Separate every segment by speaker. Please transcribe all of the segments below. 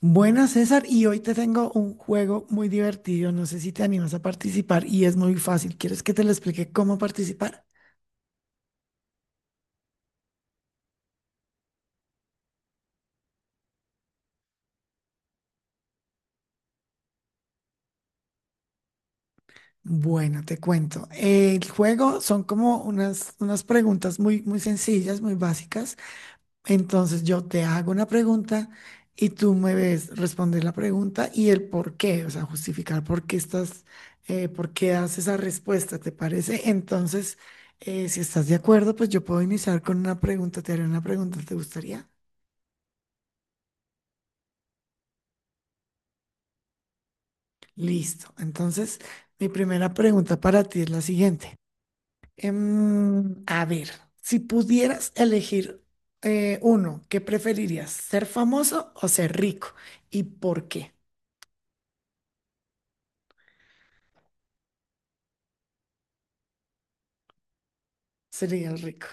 Speaker 1: Buenas, César, y hoy te tengo un juego muy divertido. No sé si te animas a participar y es muy fácil. ¿Quieres que te lo explique cómo participar? Bueno, te cuento. El juego son como unas preguntas muy, muy sencillas, muy básicas. Entonces yo te hago una pregunta y tú me ves responder la pregunta y el por qué, o sea, justificar por qué estás, por qué das esa respuesta, ¿te parece? Entonces, si estás de acuerdo, pues yo puedo iniciar con una pregunta. Te haré una pregunta, ¿te gustaría? Listo. Entonces, mi primera pregunta para ti es la siguiente. A ver, si pudieras elegir uno, ¿qué preferirías? ¿Ser famoso o ser rico? ¿Y por qué serías rico?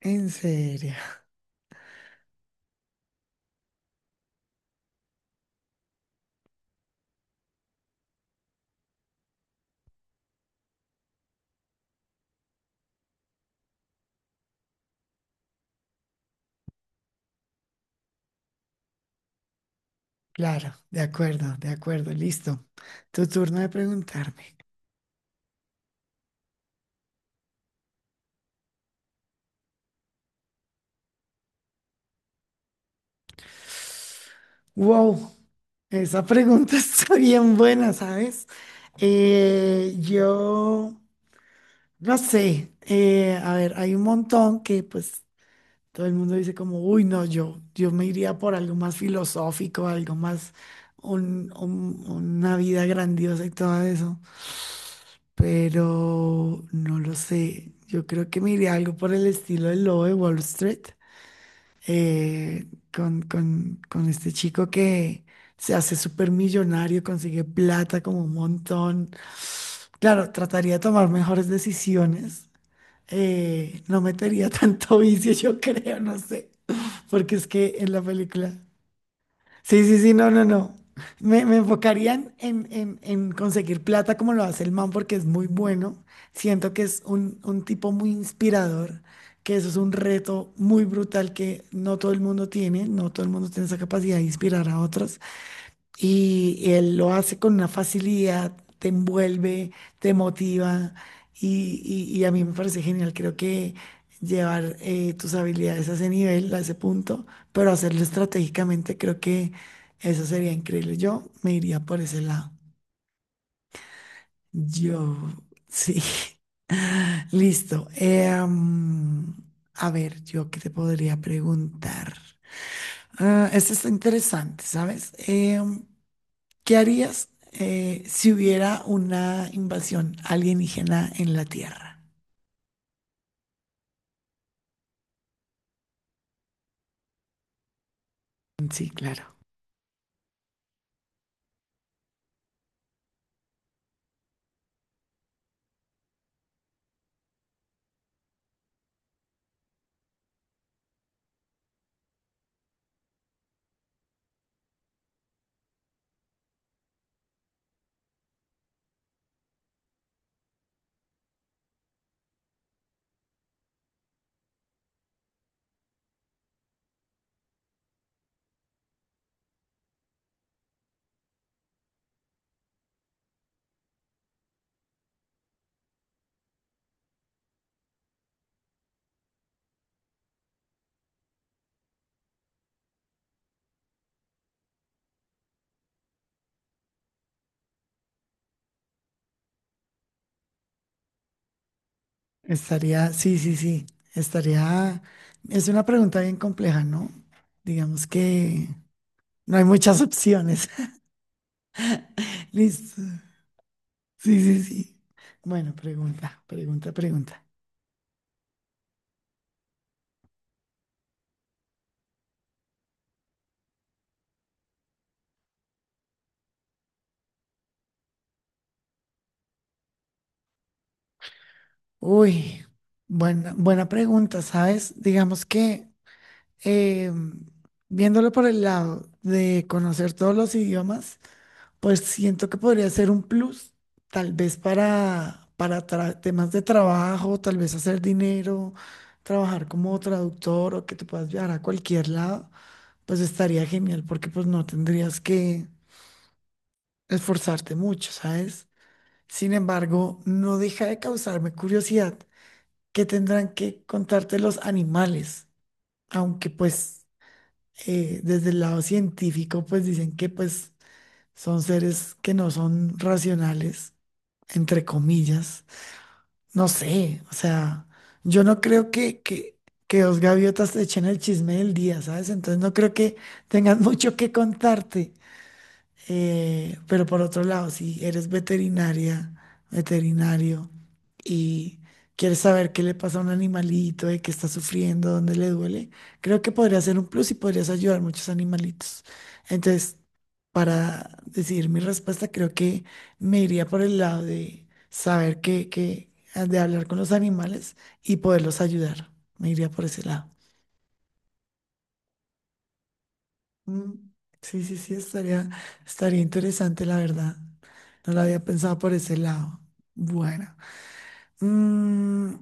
Speaker 1: En serio. Claro, de acuerdo, de acuerdo. Listo. Tu turno de preguntarme. Wow, esa pregunta está bien buena, ¿sabes? Yo no sé, a ver, hay un montón que pues todo el mundo dice como, uy, no, yo me iría por algo más filosófico, algo más, una vida grandiosa y todo eso. Pero no lo sé. Yo creo que me iría algo por el estilo del lobo de Wall Street, eh, con, con este chico que se hace súper millonario, consigue plata como un montón. Claro, trataría de tomar mejores decisiones, no metería tanto vicio, yo creo, no sé, porque es que en la película... Sí, sí, sí, no, no, no. Me enfocarían en, en conseguir plata como lo hace el man porque es muy bueno. Siento que es un tipo muy inspirador, que eso es un reto muy brutal que no todo el mundo tiene, no todo el mundo tiene esa capacidad de inspirar a otros. Y él lo hace con una facilidad, te envuelve, te motiva y a mí me parece genial. Creo que llevar, tus habilidades a ese nivel, a ese punto, pero hacerlo estratégicamente, creo que eso sería increíble. Yo me iría por ese lado. Yo, sí. Listo. A ver, yo qué te podría preguntar. Ah, esto está interesante, ¿sabes? ¿Qué harías, si hubiera una invasión alienígena en la Tierra? Sí, claro. Estaría, sí, sí, sí. Estaría, es una pregunta bien compleja, ¿no? Digamos que no hay muchas opciones. Listo. Sí, sí, sí. Bueno, pregunta, pregunta, pregunta. Uy, buena, buena pregunta, ¿sabes? Digamos que, eh, viéndolo por el lado de conocer todos los idiomas, pues siento que podría ser un plus, tal vez para, temas de trabajo, tal vez hacer dinero, trabajar como traductor o que te puedas viajar a cualquier lado, pues estaría genial porque pues no tendrías que esforzarte mucho, ¿sabes? Sin embargo, no deja de causarme curiosidad que tendrán que contarte los animales, aunque pues, desde el lado científico pues dicen que pues son seres que no son racionales, entre comillas. No sé, o sea, yo no creo que, que dos gaviotas te echen el chisme del día, ¿sabes? Entonces no creo que tengan mucho que contarte. Pero por otro lado, si eres veterinaria, veterinario, y quieres saber qué le pasa a un animalito, de qué está sufriendo, dónde le duele, creo que podría ser un plus y podrías ayudar a muchos animalitos. Entonces, para decidir mi respuesta, creo que me iría por el lado de saber qué, qué, de hablar con los animales y poderlos ayudar. Me iría por ese lado. Mm, sí, sí, sí, estaría, estaría interesante, la verdad. No lo había pensado por ese lado. Bueno, mm,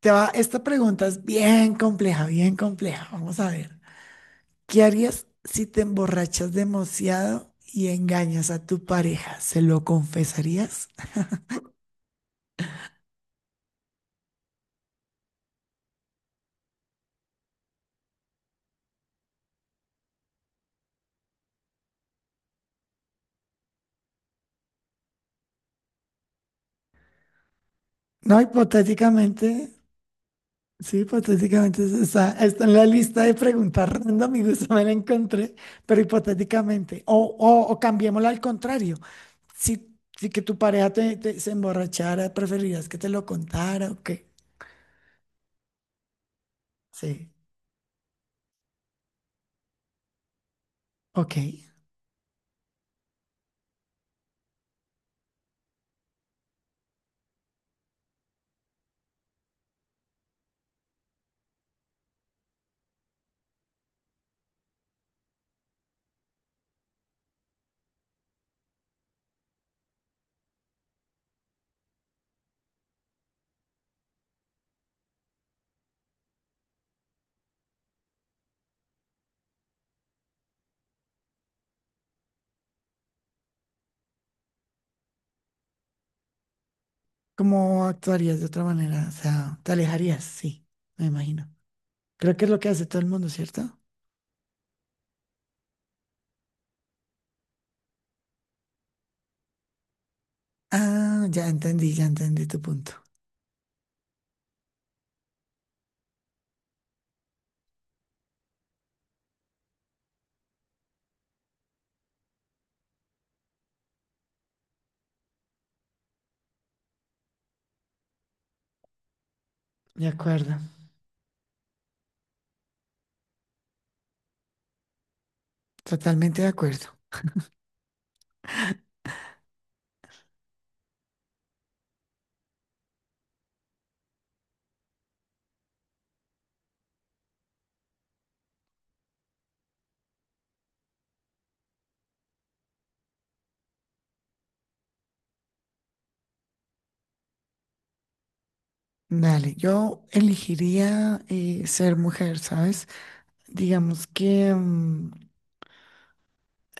Speaker 1: te va, esta pregunta es bien compleja, bien compleja. Vamos a ver. ¿Qué harías si te emborrachas demasiado y engañas a tu pareja? ¿Se lo confesarías? No, hipotéticamente, sí, hipotéticamente está, está en la lista de preguntas random y justo me la encontré, pero hipotéticamente. O cambiémosla al contrario. Si, si que tu pareja te, se emborrachara, ¿preferirías que te lo contara o qué? Sí, ok. ¿Cómo actuarías de otra manera? O sea, te alejarías, sí, me imagino. Creo que es lo que hace todo el mundo, ¿cierto? Ah, ya entendí tu punto. De acuerdo, totalmente de acuerdo. Dale, yo elegiría, ser mujer, ¿sabes? Digamos que, mm,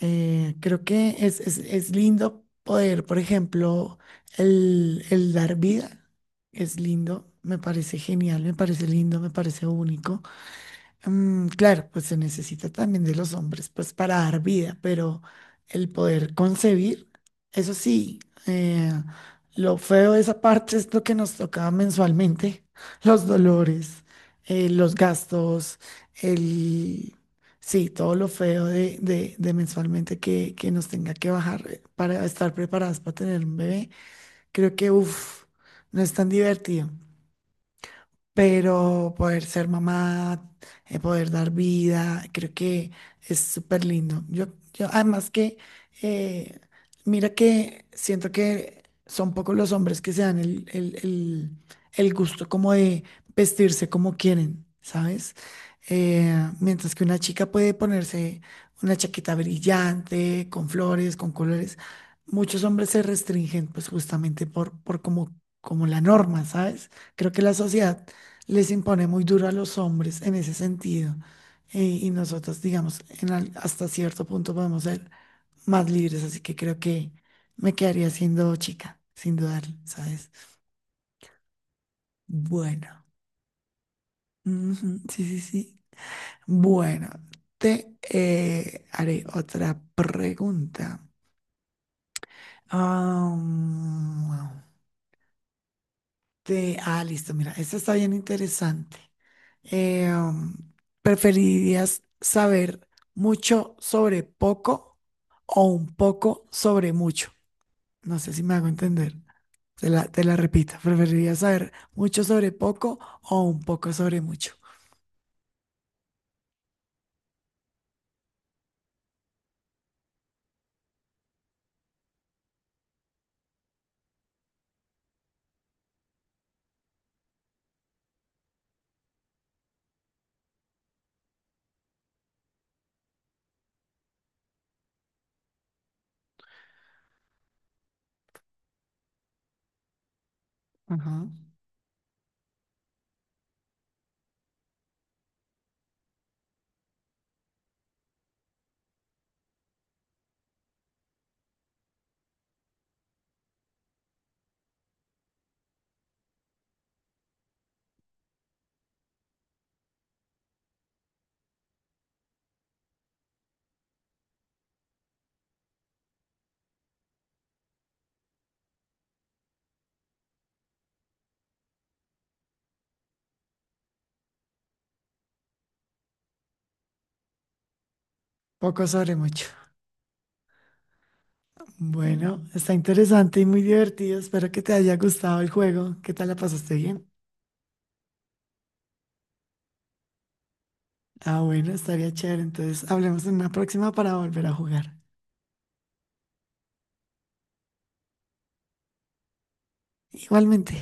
Speaker 1: eh, creo que es, es lindo poder, por ejemplo, el dar vida, es lindo, me parece genial, me parece lindo, me parece único. Mm, claro, pues se necesita también de los hombres, pues para dar vida, pero el poder concebir, eso sí, eh, lo feo de esa parte es lo que nos tocaba mensualmente, los dolores, los gastos, el... Sí, todo lo feo de, de mensualmente que nos tenga que bajar, para estar preparadas para tener un bebé, creo que, uff, no es tan divertido, pero poder ser mamá, poder dar vida, creo que es súper lindo. Yo, además que, eh, mira que siento que son pocos los hombres que se dan el, el gusto como de vestirse como quieren, ¿sabes? Eh, mientras que una chica puede ponerse una chaqueta brillante, con flores, con colores, muchos hombres se restringen pues justamente por como, como la norma, ¿sabes? Creo que la sociedad les impone muy duro a los hombres en ese sentido. Y nosotras, digamos, en hasta cierto punto podemos ser más libres, así que creo que me quedaría siendo chica, sin dudar, ¿sabes? Bueno, ujú, sí, sí, sí. Bueno, te haré otra pregunta. Ah, mm, listo, mira, esto está bien interesante. Eh, um, ¿Preferirías saber mucho sobre poco o un poco sobre mucho? No sé si me hago entender. Te la repito. ¿Preferirías saber mucho sobre poco o un poco sobre mucho? Ajá. Poco sobre mucho. Bueno, está interesante y muy divertido. Espero que te haya gustado el juego. ¿Qué tal la pasaste bien? Ah, bueno, estaría chévere. Entonces, hablemos en una próxima para volver a jugar. Igualmente.